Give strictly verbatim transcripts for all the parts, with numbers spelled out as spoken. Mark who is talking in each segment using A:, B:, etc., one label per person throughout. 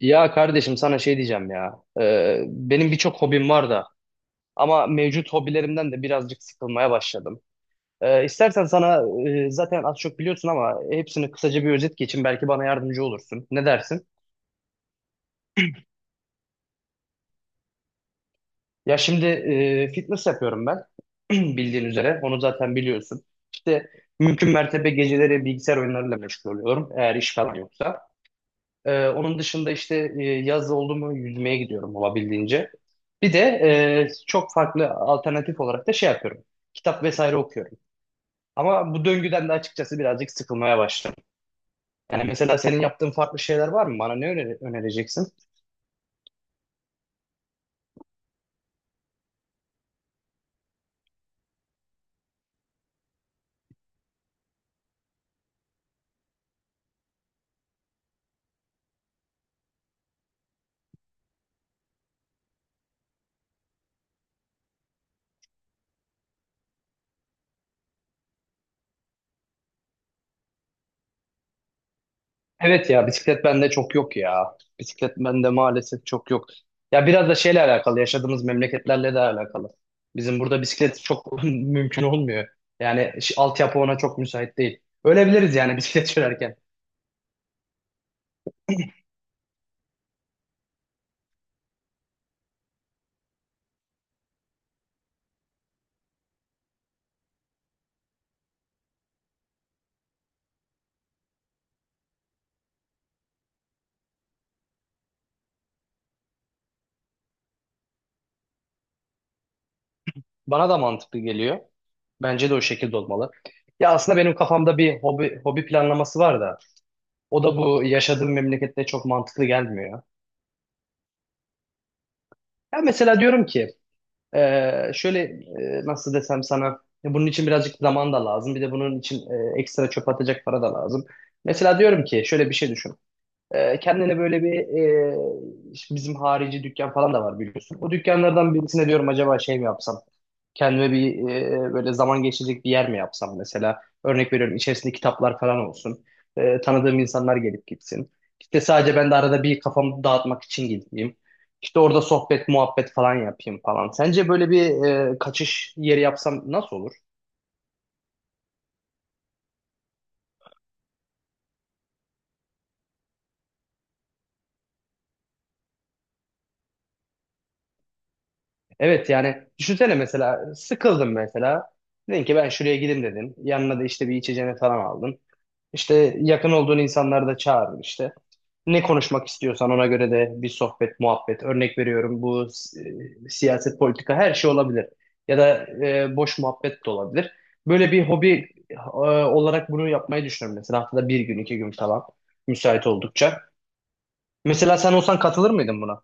A: Ya kardeşim sana şey diyeceğim ya. Ee, benim birçok hobim var da ama mevcut hobilerimden de birazcık sıkılmaya başladım. Ee, istersen sana e, zaten az çok biliyorsun ama hepsini kısaca bir özet geçeyim. Belki bana yardımcı olursun. Ne dersin? Ya şimdi e, fitness yapıyorum ben. Bildiğin üzere. Onu zaten biliyorsun. İşte mümkün mertebe geceleri bilgisayar oyunlarıyla meşgul oluyorum. Eğer iş falan yoksa. Ee, onun dışında işte e, yaz oldu mu yüzmeye gidiyorum olabildiğince. Bir de e, çok farklı alternatif olarak da şey yapıyorum. Kitap vesaire okuyorum. Ama bu döngüden de açıkçası birazcık sıkılmaya başladım. Yani mesela senin yaptığın farklı şeyler var mı? Bana ne öne- önereceksin? Evet ya, bisiklet bende çok yok ya. Bisiklet bende maalesef çok yok. Ya biraz da şeyle alakalı, yaşadığımız memleketlerle de alakalı. Bizim burada bisiklet çok mümkün olmuyor. Yani ş- altyapı ona çok müsait değil. Ölebiliriz yani bisiklet sürerken. Bana da mantıklı geliyor. Bence de o şekilde olmalı. Ya aslında benim kafamda bir hobi, hobi planlaması var da o da bu yaşadığım memlekette çok mantıklı gelmiyor. Ya mesela diyorum ki Ee, şöyle e, nasıl desem sana, bunun için birazcık zaman da lazım. Bir de bunun için e, ekstra çöp atacak para da lazım. Mesela diyorum ki şöyle bir şey düşün. Ee, kendine böyle bir e, işte bizim harici dükkan falan da var biliyorsun. O dükkanlardan birisine diyorum, acaba şey mi yapsam? Kendime bir e, böyle zaman geçirecek bir yer mi yapsam mesela? Örnek veriyorum, içerisinde kitaplar falan olsun. E, tanıdığım insanlar gelip gitsin. İşte sadece ben de arada bir kafamı dağıtmak için gideyim. İşte orada sohbet, muhabbet falan yapayım falan. Sence böyle bir e, kaçış yeri yapsam nasıl olur? Evet yani düşünsene, mesela sıkıldım mesela. Dedin ki ben şuraya gideyim dedin. Yanına da işte bir içeceğini falan aldın. İşte yakın olduğun insanları da çağırdın işte. Ne konuşmak istiyorsan ona göre de bir sohbet, muhabbet. Örnek veriyorum, bu e, siyaset, politika her şey olabilir. Ya da e, boş muhabbet de olabilir. Böyle bir hobi e, olarak bunu yapmayı düşünüyorum. Mesela haftada bir gün, iki gün falan müsait oldukça. Mesela sen olsan katılır mıydın buna?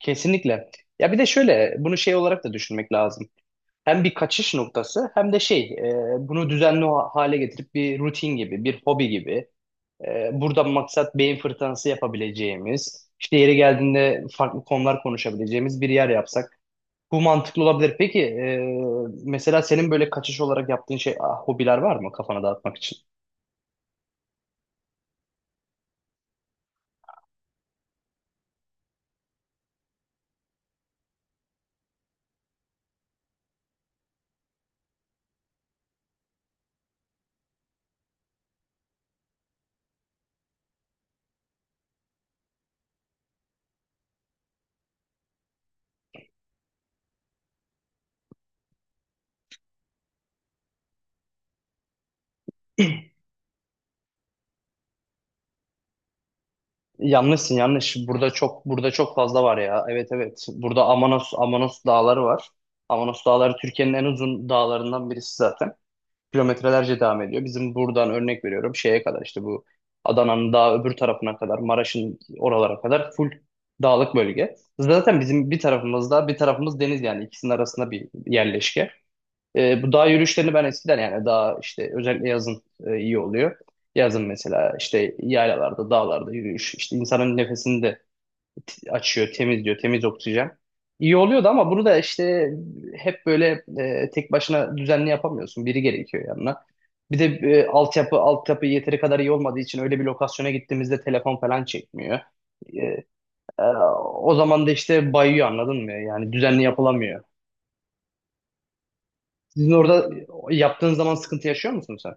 A: Kesinlikle. Ya bir de şöyle bunu şey olarak da düşünmek lazım. Hem bir kaçış noktası, hem de şey, e, bunu düzenli ha- hale getirip bir rutin gibi, bir hobi gibi, e, burada maksat beyin fırtınası yapabileceğimiz, işte yeri geldiğinde farklı konular konuşabileceğimiz bir yer yapsak bu mantıklı olabilir. Peki e, mesela senin böyle kaçış olarak yaptığın şey ah, hobiler var mı kafana dağıtmak için? Yanlışsın yanlış. Burada çok, burada çok fazla var ya. Evet, evet. Burada Amanos, Amanos dağları var. Amanos dağları Türkiye'nin en uzun dağlarından birisi zaten. Kilometrelerce devam ediyor. Bizim buradan, örnek veriyorum, şeye kadar işte bu Adana'nın daha öbür tarafına kadar, Maraş'ın oralara kadar full dağlık bölge. Zaten bizim bir tarafımız dağ bir tarafımız deniz, yani ikisinin arasında bir yerleşke. Ee, bu dağ yürüyüşlerini ben eskiden, yani daha işte özellikle yazın, e, iyi oluyor. Yazın mesela işte yaylalarda, dağlarda yürüyüş, işte insanın nefesini de t- açıyor, temizliyor, temiz oksijen. İyi oluyordu ama bunu da işte hep böyle e, tek başına düzenli yapamıyorsun. Biri gerekiyor yanına. Bir de e, altyapı altyapı yeteri kadar iyi olmadığı için öyle bir lokasyona gittiğimizde telefon falan çekmiyor. E, e, o zaman da işte bayıyor, anladın mı? Yani düzenli yapılamıyor. Sizin orada yaptığın zaman sıkıntı yaşıyor musun sen?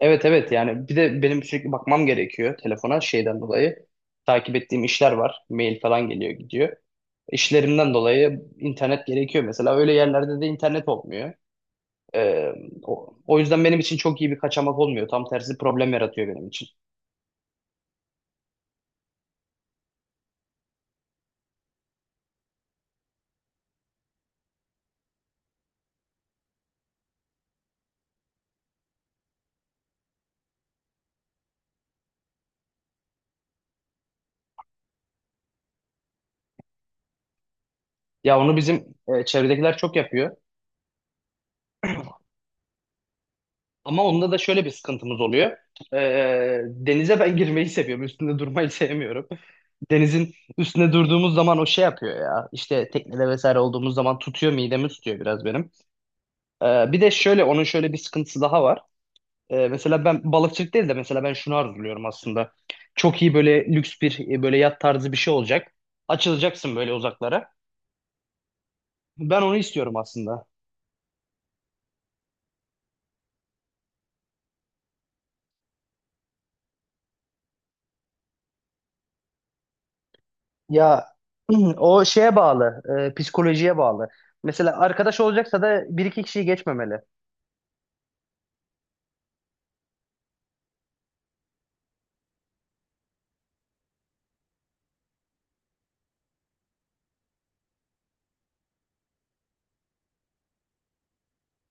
A: Evet evet, yani bir de benim sürekli bakmam gerekiyor telefona şeyden dolayı. Takip ettiğim işler var. Mail falan geliyor gidiyor. İşlerimden dolayı internet gerekiyor mesela. Öyle yerlerde de internet olmuyor. Ee, o, o yüzden benim için çok iyi bir kaçamak olmuyor. Tam tersi problem yaratıyor benim için. Ya onu bizim e, çevredekiler çok yapıyor. Ama onda da şöyle bir sıkıntımız oluyor. Ee, denize ben girmeyi seviyorum. Üstünde durmayı sevmiyorum. Denizin üstüne durduğumuz zaman o şey yapıyor ya. İşte teknede vesaire olduğumuz zaman tutuyor, midemi tutuyor biraz benim. Ee, bir de şöyle onun şöyle bir sıkıntısı daha var. Ee, mesela ben balıkçılık değil de mesela ben şunu arzuluyorum aslında. Çok iyi böyle lüks bir e, böyle yat tarzı bir şey olacak. Açılacaksın böyle uzaklara. Ben onu istiyorum aslında. Ya o şeye bağlı, e, psikolojiye bağlı. Mesela arkadaş olacaksa da bir iki kişiyi geçmemeli.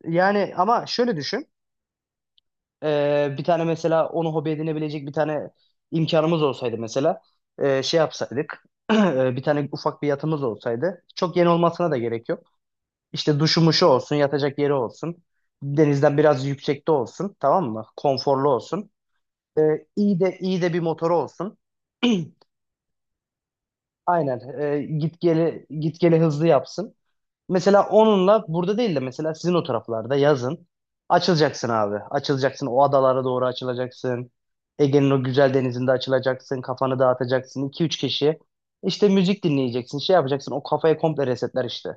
A: Yani ama şöyle düşün. Ee, bir tane, mesela onu hobi edinebilecek bir tane imkanımız olsaydı, mesela e, şey yapsaydık, e, bir tane ufak bir yatımız olsaydı, çok yeni olmasına da gerek yok. İşte duşumuşu olsun, yatacak yeri olsun, denizden biraz yüksekte olsun, tamam mı? Konforlu olsun. Ee, iyi de iyi de bir motoru olsun. Aynen. e, git geli git geli hızlı yapsın. Mesela onunla burada değil de mesela sizin o taraflarda yazın açılacaksın abi. Açılacaksın, o adalara doğru açılacaksın. Ege'nin o güzel denizinde açılacaksın. Kafanı dağıtacaksın. İki üç kişi işte müzik dinleyeceksin. Şey yapacaksın. O kafayı komple resetler işte.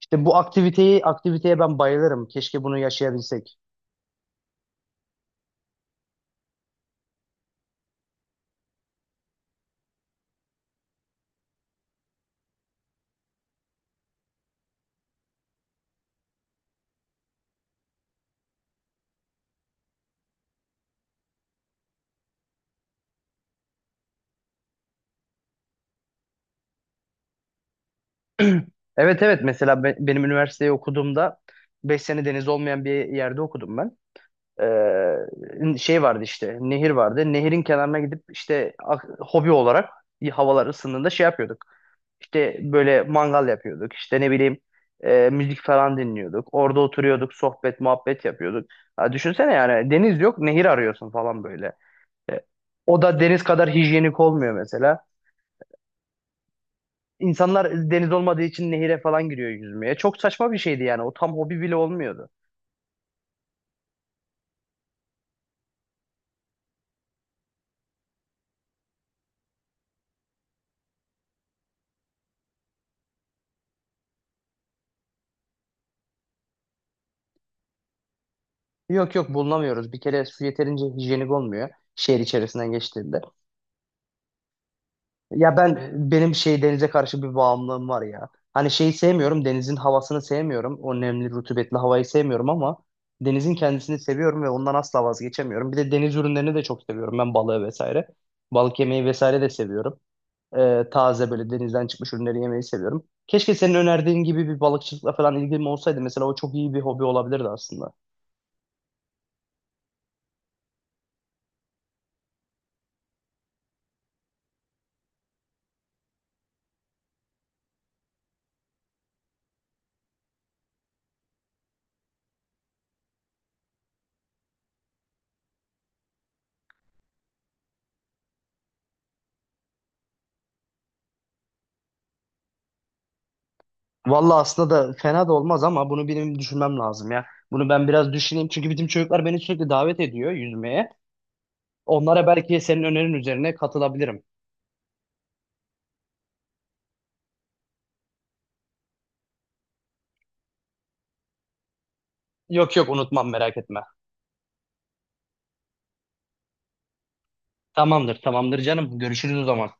A: İşte bu aktiviteyi aktiviteye ben bayılırım. Keşke bunu yaşayabilsek. Evet evet, mesela be- benim üniversiteyi okuduğumda beş sene deniz olmayan bir yerde okudum ben. Ee, şey vardı, işte nehir vardı. Nehirin kenarına gidip işte ak- hobi olarak havalar ısındığında şey yapıyorduk. İşte böyle mangal yapıyorduk. İşte ne bileyim, e, müzik falan dinliyorduk. Orada oturuyorduk, sohbet, muhabbet yapıyorduk. Ha, düşünsene, yani deniz yok, nehir arıyorsun falan böyle. E, o da deniz kadar hijyenik olmuyor mesela. İnsanlar deniz olmadığı için nehire falan giriyor yüzmeye. Çok saçma bir şeydi yani. O tam hobi bile olmuyordu. Yok yok, bulunamıyoruz. Bir kere su yeterince hijyenik olmuyor şehir içerisinden geçtiğinde. Ya ben, benim şey, denize karşı bir bağımlılığım var ya. Hani şeyi sevmiyorum, denizin havasını sevmiyorum. O nemli, rutubetli havayı sevmiyorum ama denizin kendisini seviyorum ve ondan asla vazgeçemiyorum. Bir de deniz ürünlerini de çok seviyorum. Ben balığı vesaire. Balık yemeyi vesaire de seviyorum. Ee, taze böyle denizden çıkmış ürünleri yemeyi seviyorum. Keşke senin önerdiğin gibi bir balıkçılıkla falan ilgim olsaydı. Mesela o çok iyi bir hobi olabilirdi aslında. Vallahi aslında da fena da olmaz ama bunu benim düşünmem lazım ya. Bunu ben biraz düşüneyim. Çünkü bizim çocuklar beni sürekli davet ediyor yüzmeye. Onlara belki senin önerin üzerine katılabilirim. Yok yok, unutmam, merak etme. Tamamdır tamamdır canım. Görüşürüz o zaman.